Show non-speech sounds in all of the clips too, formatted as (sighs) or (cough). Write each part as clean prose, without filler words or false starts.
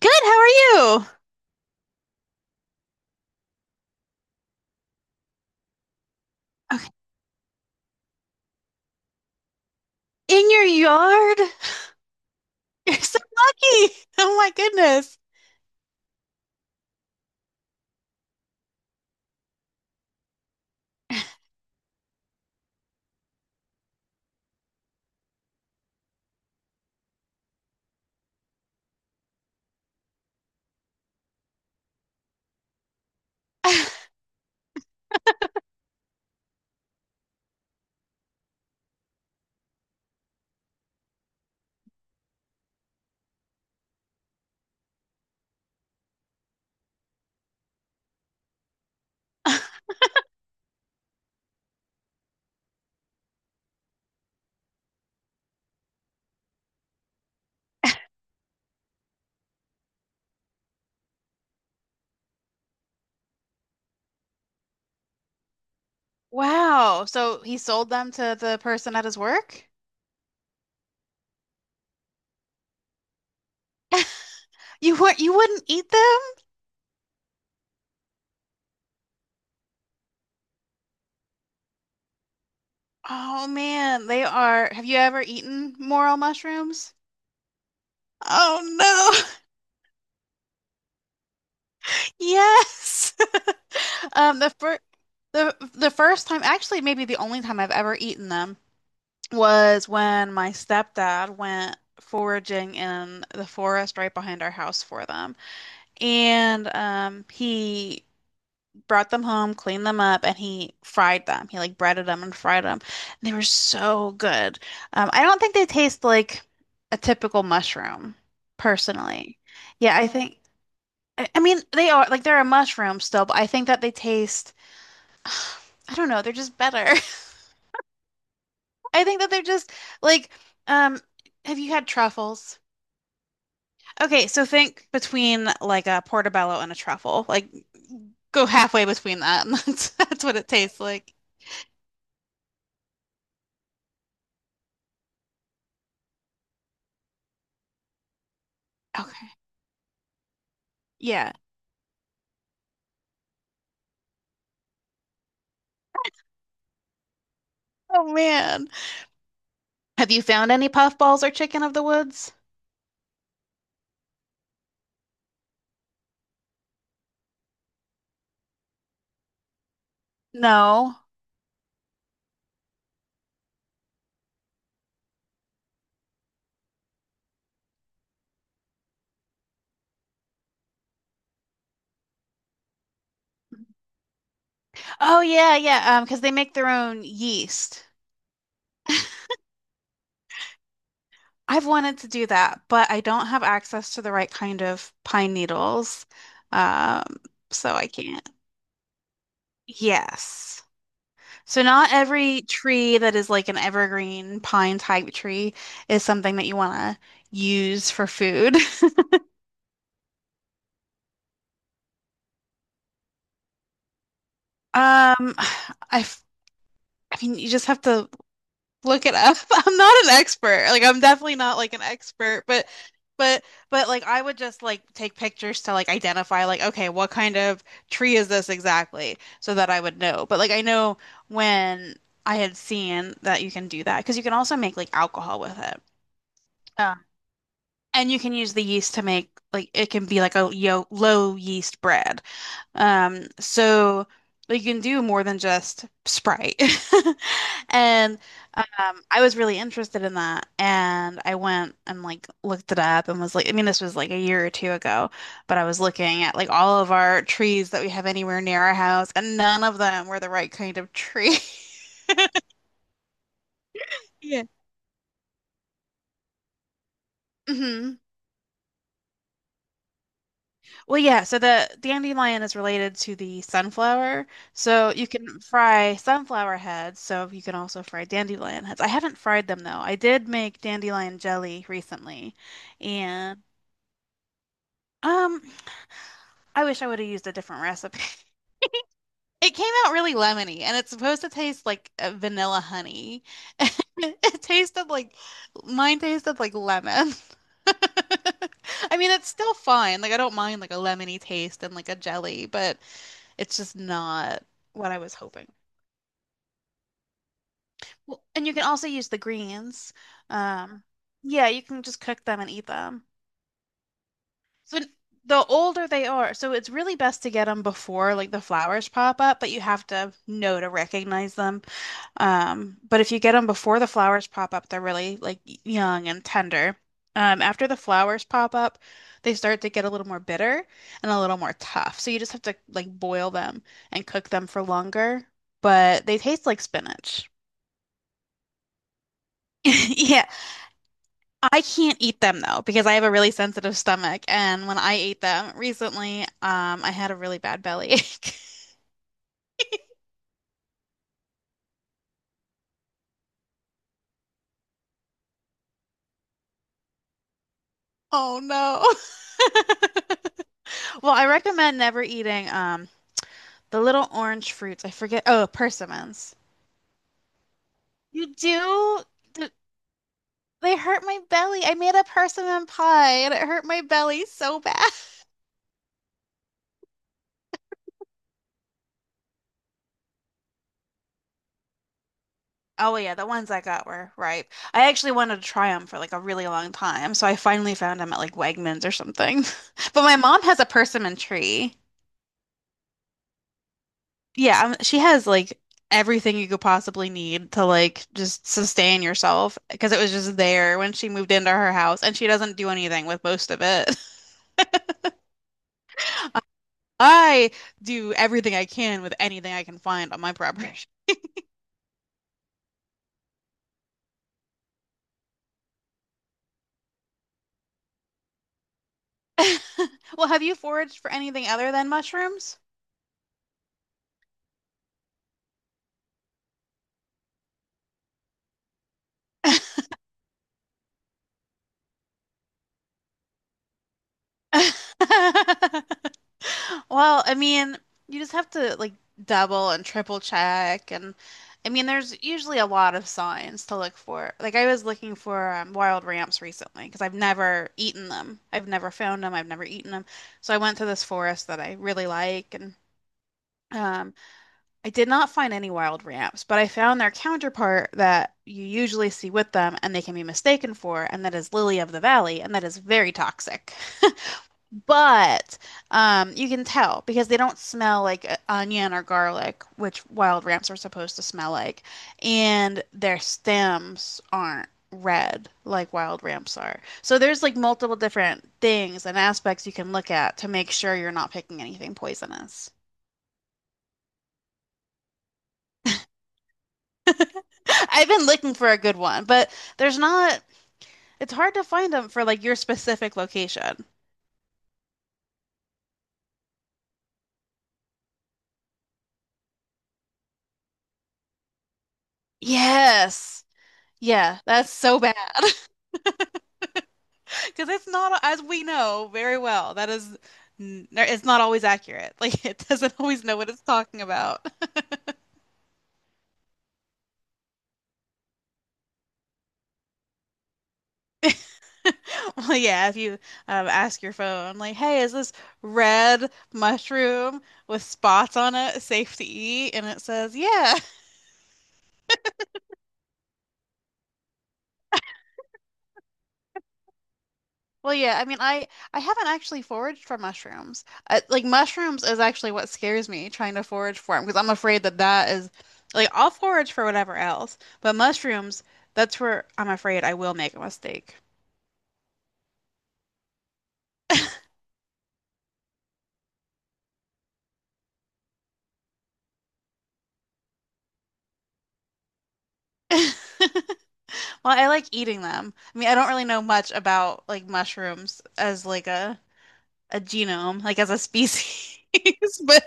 Good. How are you? Okay. In your yard? (laughs) You're so lucky. (laughs) Oh my goodness. (laughs) Wow. So he sold them to the person at his work? (laughs) You weren't, you wouldn't eat them? Oh man, they are. Have you ever eaten morel mushrooms? Oh no. (laughs) Yes. (laughs) Um, the first the first time, actually maybe the only time I've ever eaten them was when my stepdad went foraging in the forest right behind our house for them. And he brought them home, cleaned them up, and he fried them. He like breaded them and fried them. They were so good. I don't think they taste like a typical mushroom, personally. Yeah, I mean, they are like they're a mushroom still, but I think that they taste, I don't know, they're just better. (laughs) I think that they're just like, um, have you had truffles? Okay, so think between like a portobello and a truffle. Like go halfway between that and (laughs) that's what it tastes like. Okay. Yeah. Oh man. Have you found any puffballs or chicken of the woods? No. Oh yeah, yeah, because they make their own yeast. I've wanted to do that, but I don't have access to the right kind of pine needles. Um, so I can't. Yes. So not every tree that is like an evergreen pine type tree is something that you want to use for food. (laughs) Um, (sighs) I, f- I mean, you just have to look it up. (laughs) I'm not an expert. Like, I'm definitely not like an expert, but, but like, I would just like take pictures to like identify like, okay, what kind of tree is this exactly, so that I would know. But like, I know when I had seen that you can do that because you can also make like alcohol with it. And you can use the yeast to make like it can be like a yo low yeast bread. So like, you can do more than just Sprite. (laughs) And I was really interested in that, and I went and like looked it up and was like, I mean, this was like a year or two ago, but I was looking at like all of our trees that we have anywhere near our house, and none of them were the right kind of tree. (laughs) Yeah. Mhm. Well, yeah, so the dandelion is related to the sunflower. So you can fry sunflower heads, so you can also fry dandelion heads. I haven't fried them though. I did make dandelion jelly recently, and um, I wish I would have used a different recipe. (laughs) It came out really lemony, and it's supposed to taste like vanilla honey. (laughs) It tasted like mine tasted like lemon. (laughs) I mean, it's still fine. Like I don't mind like a lemony taste and like a jelly, but it's just not what I was hoping. Well, and you can also use the greens. Um, yeah, you can just cook them and eat them. So the older they are, so it's really best to get them before like the flowers pop up, but you have to know to recognize them. But if you get them before the flowers pop up, they're really like young and tender. After the flowers pop up, they start to get a little more bitter and a little more tough. So you just have to like boil them and cook them for longer, but they taste like spinach. (laughs) Yeah, I can't eat them though because I have a really sensitive stomach, and when I ate them recently, I had a really bad belly ache. (laughs) Oh no. (laughs) Well, I recommend never eating the little orange fruits. I forget. Oh, persimmons. You do? Th- They hurt my belly. I made a persimmon pie and it hurt my belly so bad. Oh yeah, the ones I got were ripe. I actually wanted to try them for like a really long time, so I finally found them at like Wegmans or something. (laughs) But my mom has a persimmon tree. Yeah, she has like everything you could possibly need to like just sustain yourself because it was just there when she moved into her house, and she doesn't do anything with most of it. (laughs) I do everything I can with anything I can find on my property. (laughs) Well, have you foraged for anything other than mushrooms? (laughs) Well, I mean, you just have to like double and triple check and I mean there's usually a lot of signs to look for. Like I was looking for wild ramps recently because I've never eaten them. I've never found them. I've never eaten them. So I went to this forest that I really like and um I did not find any wild ramps, but I found their counterpart that you usually see with them and they can be mistaken for and that is lily of the valley and that is very toxic. But you can tell because they don't smell like onion or garlic, which wild ramps are supposed to smell like, and their stems aren't red like wild ramps are. So there's like multiple different things and aspects you can look at to make sure you're not picking anything poisonous. (laughs) I've been looking for a good one, but there's not, it's hard to find them for like your specific location. Yes. Yeah, that's so bad. (laughs) Because it's not, as we know very well, that is, it's not always accurate. (laughs) Like it doesn't always know what it's talking about. (laughs) Well, yeah, if you ask your phone, like, hey, is this red mushroom with spots on it safe to eat? And it says, yeah. (laughs) Well, yeah, I mean, I haven't actually foraged for mushrooms. I, like mushrooms is actually what scares me trying to forage for them because I'm afraid that is like I'll forage for whatever else, but mushrooms, that's where I'm afraid I will make a mistake. (laughs) Well, I like eating them. I mean, I don't really know much about like mushrooms as like a genome, like as a species, (laughs) but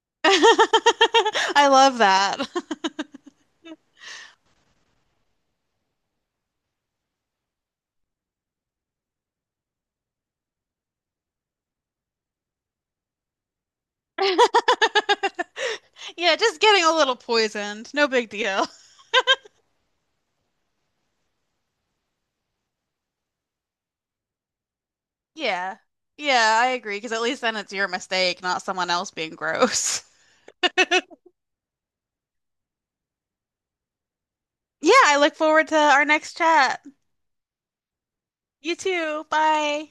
(laughs) I love that. (laughs) Yeah, just getting a little poisoned. No big deal. Yeah. Yeah, I agree, because at least then it's your mistake, not someone else being gross. (laughs) Yeah, I look forward to our next chat. You too. Bye.